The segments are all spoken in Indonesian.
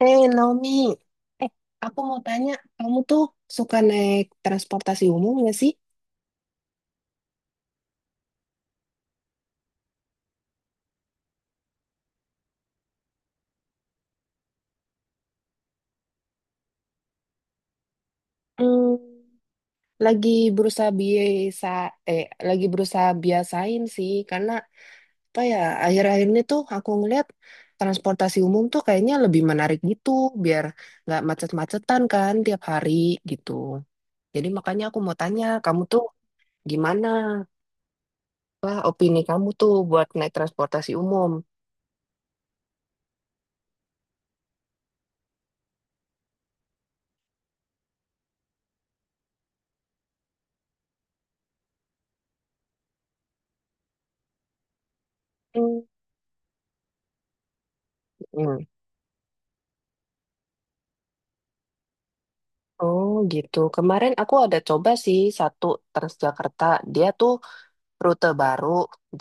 Eh, Naomi, eh, aku mau tanya, kamu tuh suka naik transportasi umum nggak sih? Hmm, lagi berusaha biasa, eh, lagi berusaha biasain sih, karena apa ya, akhir-akhir ini tuh aku ngeliat transportasi umum tuh kayaknya lebih menarik gitu, biar nggak macet-macetan kan tiap hari gitu. Jadi makanya aku mau tanya, kamu tuh gimana? Apa opini kamu tuh buat naik transportasi umum? Hmm. Oh gitu. Kemarin aku ada coba sih satu Transjakarta. Dia tuh rute baru.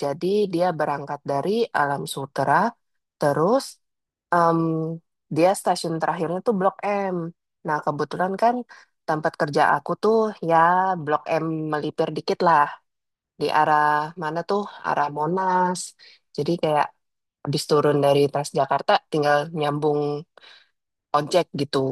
Jadi dia berangkat dari Alam Sutera. Terus em, dia stasiun terakhirnya tuh Blok M. Nah kebetulan kan tempat kerja aku tuh ya Blok M, melipir dikit lah. Di arah mana tuh? Arah Monas. Jadi kayak habis turun dari Transjakarta tinggal nyambung ojek gitu.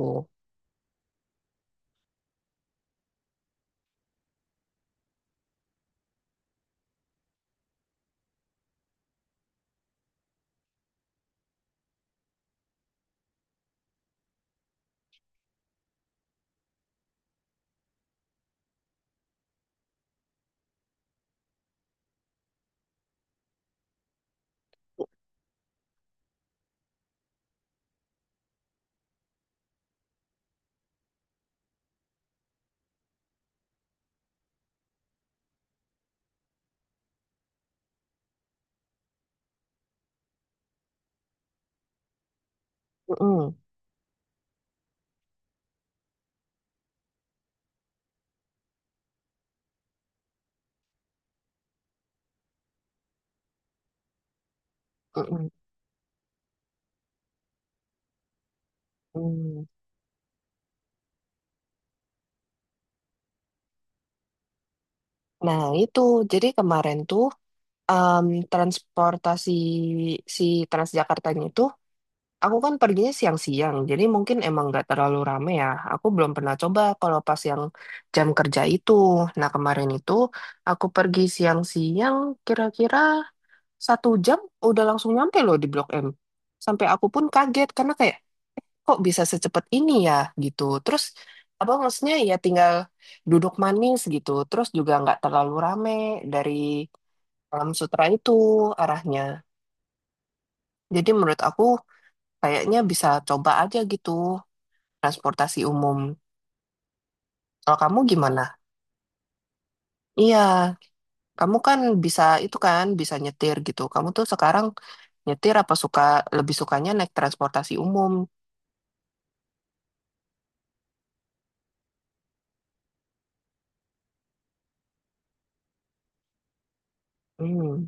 Mm-mm, mm-mm, mm. Nah, itu jadi kemarin tuh transportasi si Transjakartanya itu, aku kan perginya siang-siang, jadi mungkin emang nggak terlalu rame ya. Aku belum pernah coba kalau pas yang jam kerja itu. Nah, kemarin itu aku pergi siang-siang, kira-kira 1 jam udah langsung nyampe loh di Blok M. Sampai aku pun kaget karena kayak kok bisa secepat ini ya gitu. Terus apa maksudnya ya tinggal duduk manis gitu. Terus juga nggak terlalu rame dari Alam Sutra itu arahnya. Jadi menurut aku kayaknya bisa coba aja gitu, transportasi umum. Kalau kamu gimana? Iya, kamu kan bisa itu kan, bisa nyetir gitu. Kamu tuh sekarang nyetir apa suka lebih sukanya naik transportasi umum? Hmm.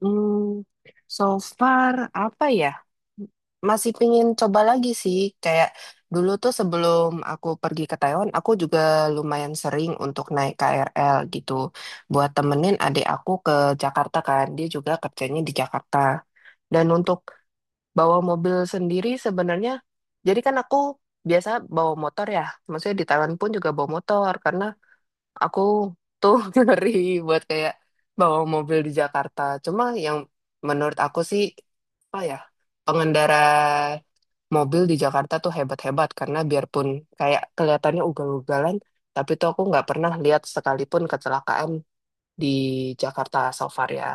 Hmm, so far apa ya? Masih pingin coba lagi sih. Kayak dulu tuh sebelum aku pergi ke Taiwan, aku juga lumayan sering untuk naik KRL gitu. Buat temenin adik aku ke Jakarta kan, dia juga kerjanya di Jakarta. Dan untuk bawa mobil sendiri sebenarnya, jadi kan aku biasa bawa motor ya, maksudnya di Thailand pun juga bawa motor karena aku tuh ngeri buat kayak bawa mobil di Jakarta. Cuma yang menurut aku sih apa ya, pengendara mobil di Jakarta tuh hebat-hebat karena biarpun kayak kelihatannya ugal-ugalan, tapi tuh aku nggak pernah lihat sekalipun kecelakaan di Jakarta so far ya.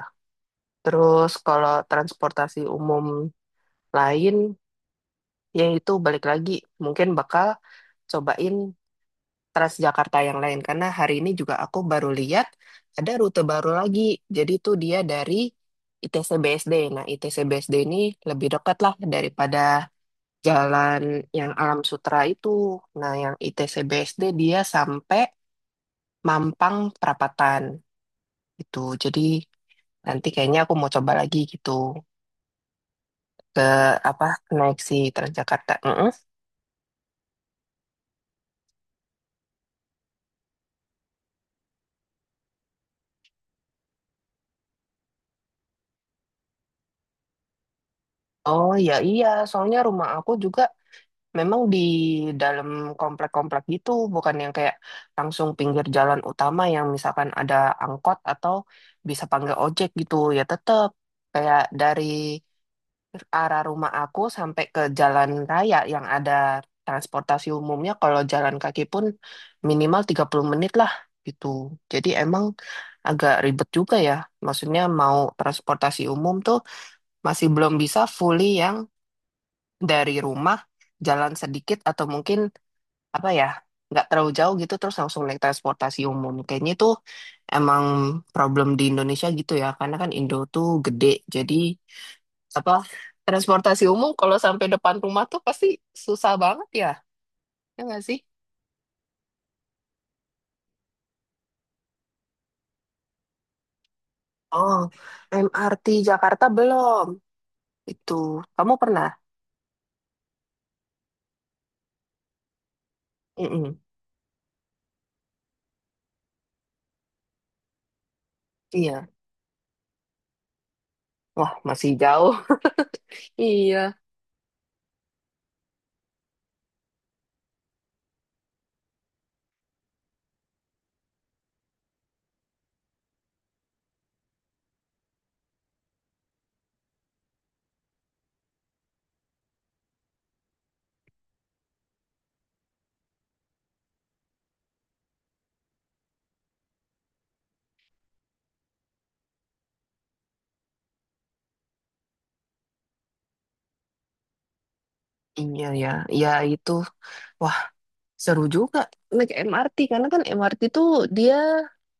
Terus kalau transportasi umum lain yaitu balik lagi mungkin bakal cobain Transjakarta yang lain karena hari ini juga aku baru lihat ada rute baru lagi, jadi tuh dia dari ITC BSD. Nah ITC BSD ini lebih dekat lah daripada jalan yang Alam Sutra itu. Nah yang ITC BSD dia sampai Mampang Perapatan gitu, jadi nanti kayaknya aku mau coba lagi gitu ke apa naik si Transjakarta. Mm-mm. Oh ya iya, soalnya rumah aku juga memang di dalam komplek-komplek gitu, bukan yang kayak langsung pinggir jalan utama yang misalkan ada angkot atau bisa panggil ojek gitu. Ya tetap kayak dari arah rumah aku sampai ke jalan raya yang ada transportasi umumnya, kalau jalan kaki pun minimal 30 menit lah gitu. Jadi emang agak ribet juga ya. Maksudnya mau transportasi umum tuh masih belum bisa fully yang dari rumah jalan sedikit atau mungkin apa ya nggak terlalu jauh gitu terus langsung naik transportasi umum, kayaknya itu emang problem di Indonesia gitu ya karena kan Indo tuh gede, jadi apa transportasi umum kalau sampai depan rumah tuh pasti susah banget ya, ya nggak sih? Oh, MRT Jakarta belum itu, kamu pernah? Mm-mm. Iya, wah masih jauh. Iya. Iya ya. Ya, itu seru juga naik MRT karena kan MRT tuh dia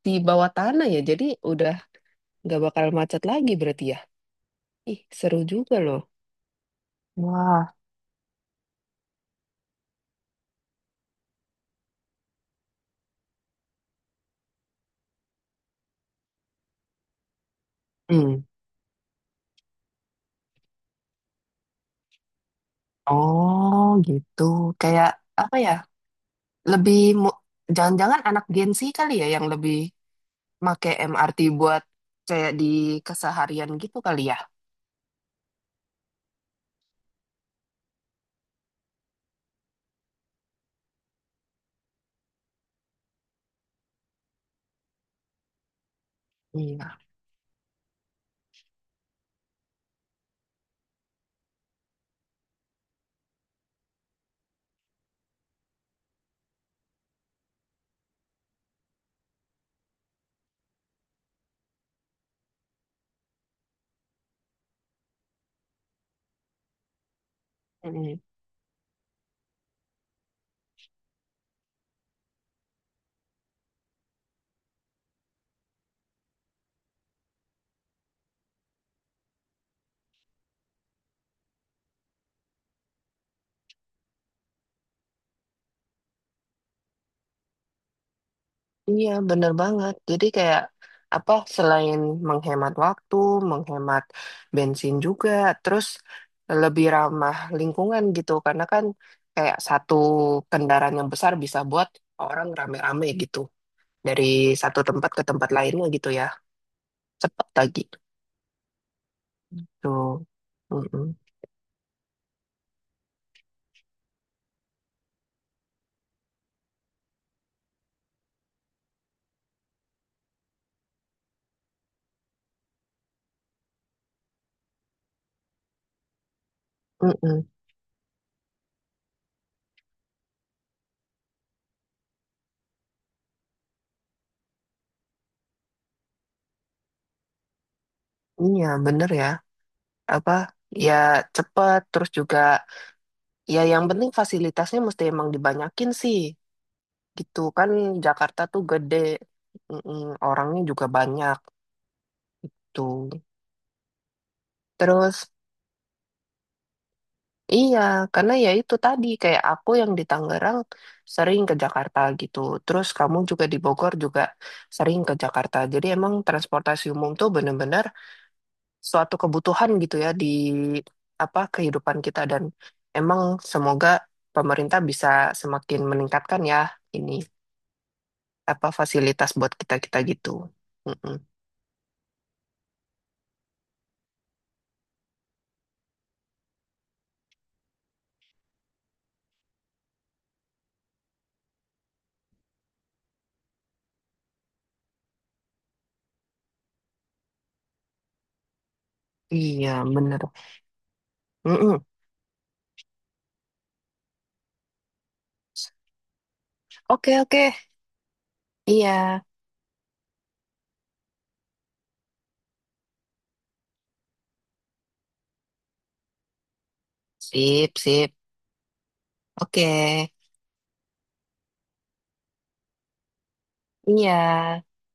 di bawah tanah ya, jadi udah nggak bakal macet lagi berarti ya. Ih, seru juga loh. Wah, hmm. Oh gitu, kayak apa ya? Lebih mu- jangan-jangan anak Gen Z kali ya yang lebih make MRT buat kayak di keseharian gitu kali ya? Iya. Hmm. Iya, bener banget. Jadi kayak apa selain menghemat waktu, menghemat bensin juga, terus lebih ramah lingkungan gitu. Karena kan kayak satu kendaraan yang besar bisa buat orang rame-rame gitu. Dari satu tempat ke tempat lainnya gitu ya. Cepat lagi. Tuh. Mm-mm. Mm-mm. Iya, bener ya. Apa ya cepet terus juga ya yang penting fasilitasnya mesti emang dibanyakin sih. Gitu kan, Jakarta tuh gede. Mm-mm, orangnya juga banyak tuh, terus iya karena ya itu tadi kayak aku yang di Tangerang sering ke Jakarta gitu, terus kamu juga di Bogor juga sering ke Jakarta, jadi emang transportasi umum tuh bener-bener suatu kebutuhan gitu ya di apa kehidupan kita, dan emang semoga pemerintah bisa semakin meningkatkan ya ini apa fasilitas buat kita kita gitu. Mm-mm. Iya, bener. Mm-mm. Oke, oke. Iya. Sip, sip. Oke. Iya.